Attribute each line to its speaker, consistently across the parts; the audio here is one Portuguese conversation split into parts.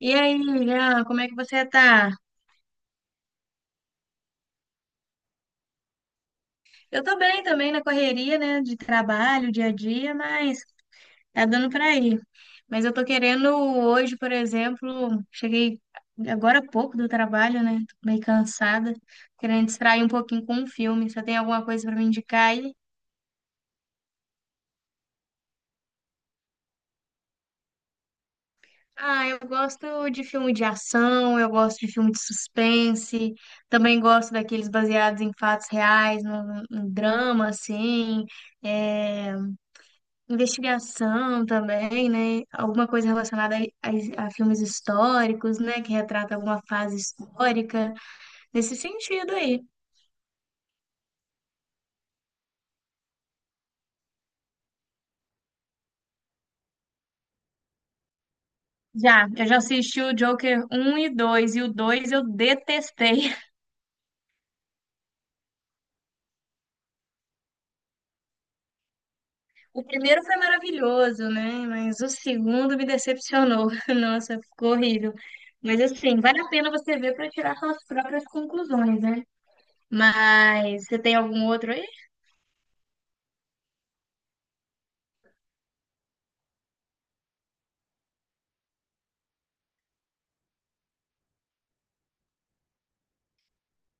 Speaker 1: E aí, Jean, como é que você tá? Eu tô bem também na correria, né, de trabalho, dia a dia, mas tá dando pra ir. Mas eu tô querendo hoje, por exemplo, cheguei agora há pouco do trabalho, né, tô meio cansada, querendo distrair um pouquinho com um filme. Você tem alguma coisa pra me indicar aí? Ah, eu gosto de filme de ação, eu gosto de filme de suspense, também gosto daqueles baseados em fatos reais, no drama, assim, é... Investigação também, né? Alguma coisa relacionada a filmes históricos, né? Que retrata alguma fase histórica, nesse sentido aí. Já, eu já assisti o Joker um e 2 e o 2 eu detestei. O primeiro foi maravilhoso, né? Mas o segundo me decepcionou. Nossa, ficou horrível. Mas assim, vale a pena você ver para tirar suas próprias conclusões, né? Mas você tem algum outro aí?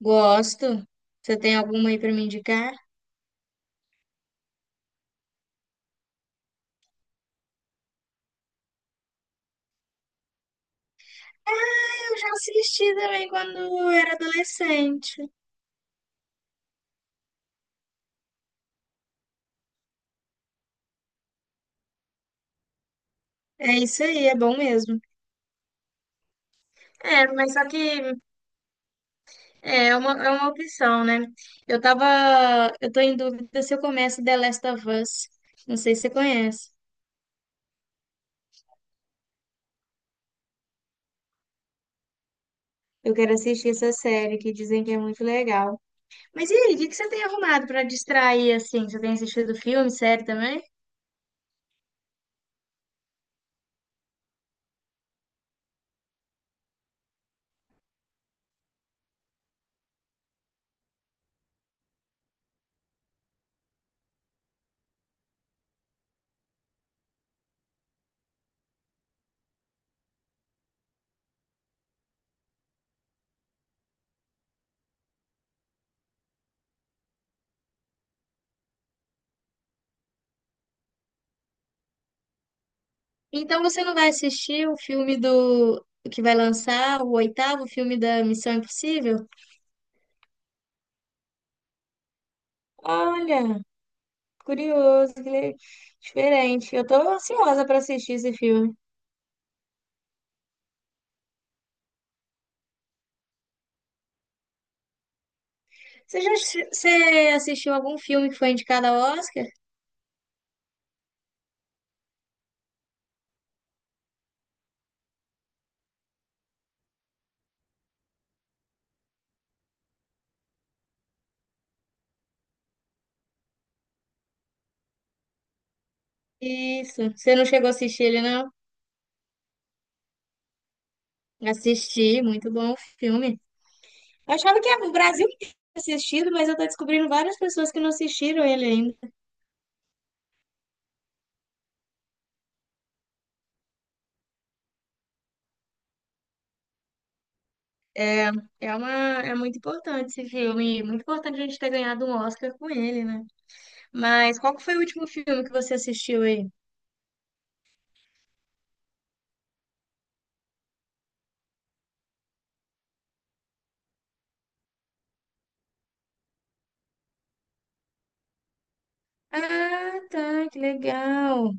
Speaker 1: Gosto. Você tem alguma aí para me indicar? Eu já assisti também quando era adolescente. É isso aí, é bom mesmo. É, mas só que é uma, é uma opção, né? Eu tava. Eu tô em dúvida se eu começo The Last of Us. Não sei se você conhece. Eu quero assistir essa série que dizem que é muito legal. Mas e aí, o que que você tem arrumado pra distrair assim? Você tem assistido filme, série também? Então você não vai assistir o filme do que vai lançar o oitavo filme da Missão Impossível? Olha. Curioso, diferente. Eu tô ansiosa pra assistir esse filme. Você assistiu algum filme que foi indicado ao Oscar? Isso. Você não chegou a assistir ele, não? Assisti, muito bom o filme. Eu achava que o Brasil tinha assistido, mas eu tô descobrindo várias pessoas que não assistiram ele ainda. É, é uma, é muito importante esse filme, e muito importante a gente ter ganhado um Oscar com ele, né? Mas qual que foi o último filme que você assistiu aí? Ah, tá, que legal.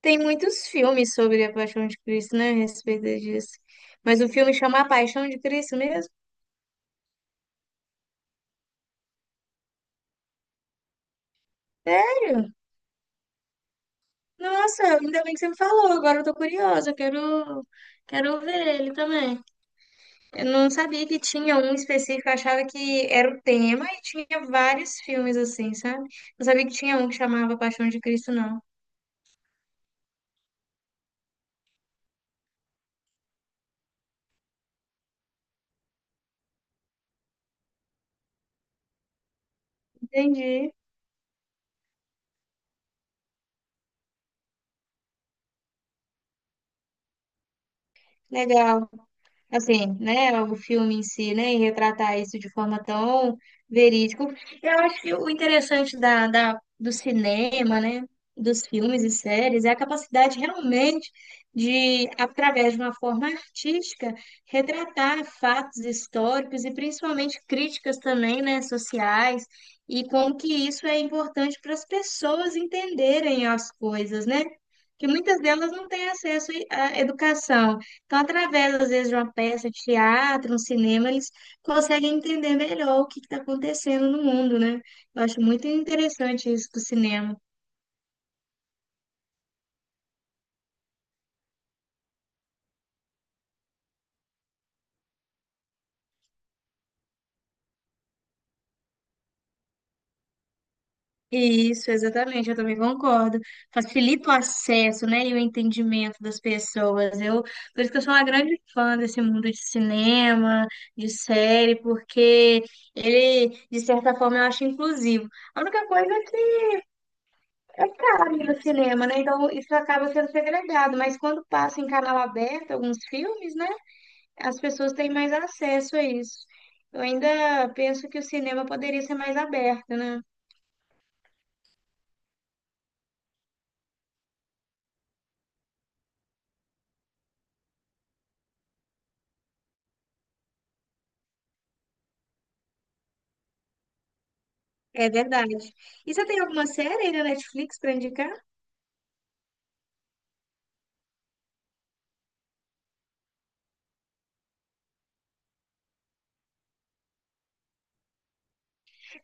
Speaker 1: Tem muitos filmes sobre a Paixão de Cristo, né, a respeito disso. Mas o filme chama A Paixão de Cristo mesmo? Sério? Nossa, ainda bem que você me falou, agora eu tô curiosa, quero ver ele também. Eu não sabia que tinha um específico, eu achava que era o tema e tinha vários filmes assim, sabe? Não sabia que tinha um que chamava Paixão de Cristo, não. Entendi. Legal. Assim, né, o filme em si, né, e retratar isso de forma tão verídica. Eu acho que o interessante do cinema, né, dos filmes e séries é a capacidade realmente de, através de uma forma artística, retratar fatos históricos e principalmente críticas também, né, sociais. E como que isso é importante para as pessoas entenderem as coisas, né? Que muitas delas não têm acesso à educação. Então, através, às vezes, de uma peça de teatro, um cinema, eles conseguem entender melhor o que está acontecendo no mundo, né? Eu acho muito interessante isso do cinema. Isso, exatamente, eu também concordo. Facilita o acesso, né, e o entendimento das pessoas. Eu, por isso que eu sou uma grande fã desse mundo de cinema, de série, porque ele, de certa forma, eu acho inclusivo. A única coisa é caro ir no cinema, né? Então isso acaba sendo segregado, mas quando passa em canal aberto alguns filmes, né? As pessoas têm mais acesso a isso. Eu ainda penso que o cinema poderia ser mais aberto, né? É verdade. E você tem alguma série aí na Netflix para indicar?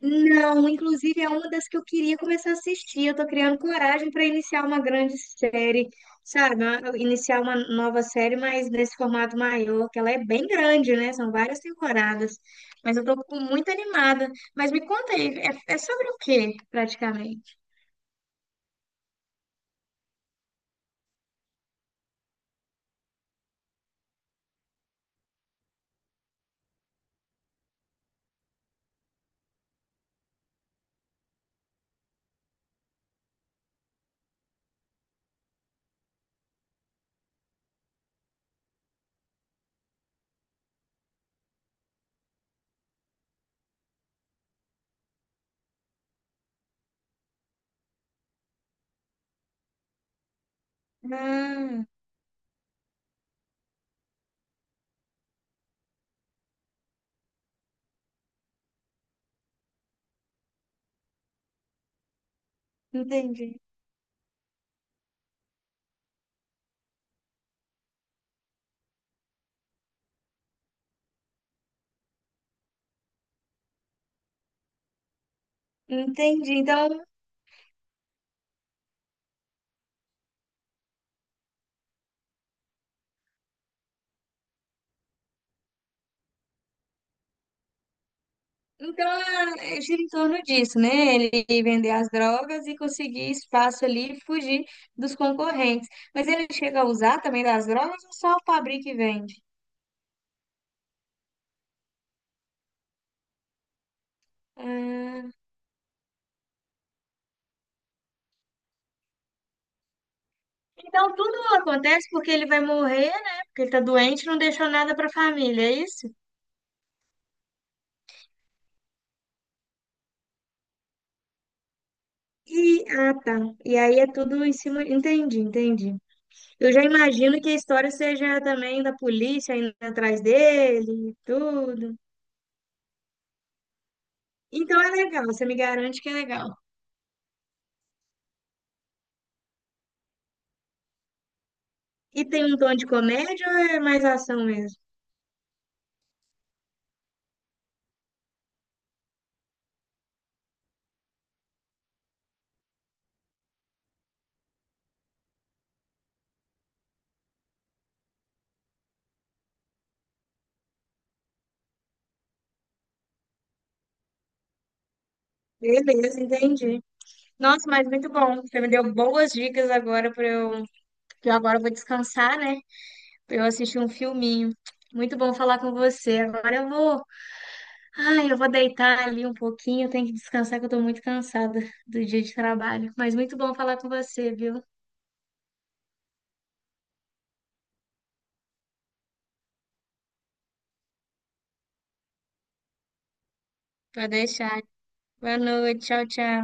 Speaker 1: Não, inclusive é uma das que eu queria começar a assistir. Eu tô criando coragem para iniciar uma grande série, sabe? Iniciar uma nova série, mas nesse formato maior, que ela é bem grande, né? São várias temporadas. Muito animada. Mas me conta aí, é, é sobre o quê, praticamente? Ah, entendi. Entendi. Então. Então, é, gira em torno disso, né? Ele vender as drogas e conseguir espaço ali e fugir dos concorrentes. Mas ele chega a usar também das drogas ou só fabrica e vende? Ah, então, tudo acontece porque ele vai morrer, né? Porque ele tá doente e não deixou nada pra família, é isso? E, ah, tá. E aí é tudo em cima. Entendi, entendi. Eu já imagino que a história seja também da polícia indo atrás dele e tudo. Então é legal, você me garante que é legal. E tem um tom de comédia ou é mais ação mesmo? Beleza, entendi. Nossa, mas muito bom. Você me deu boas dicas agora que eu agora vou descansar, né? Para eu assistir um filminho. Muito bom falar com você. Agora eu vou, ai, eu vou deitar ali um pouquinho, eu tenho que descansar que eu tô muito cansada do dia de trabalho. Mas muito bom falar com você, viu? Pode deixar. Boa noite, tchau, tchau.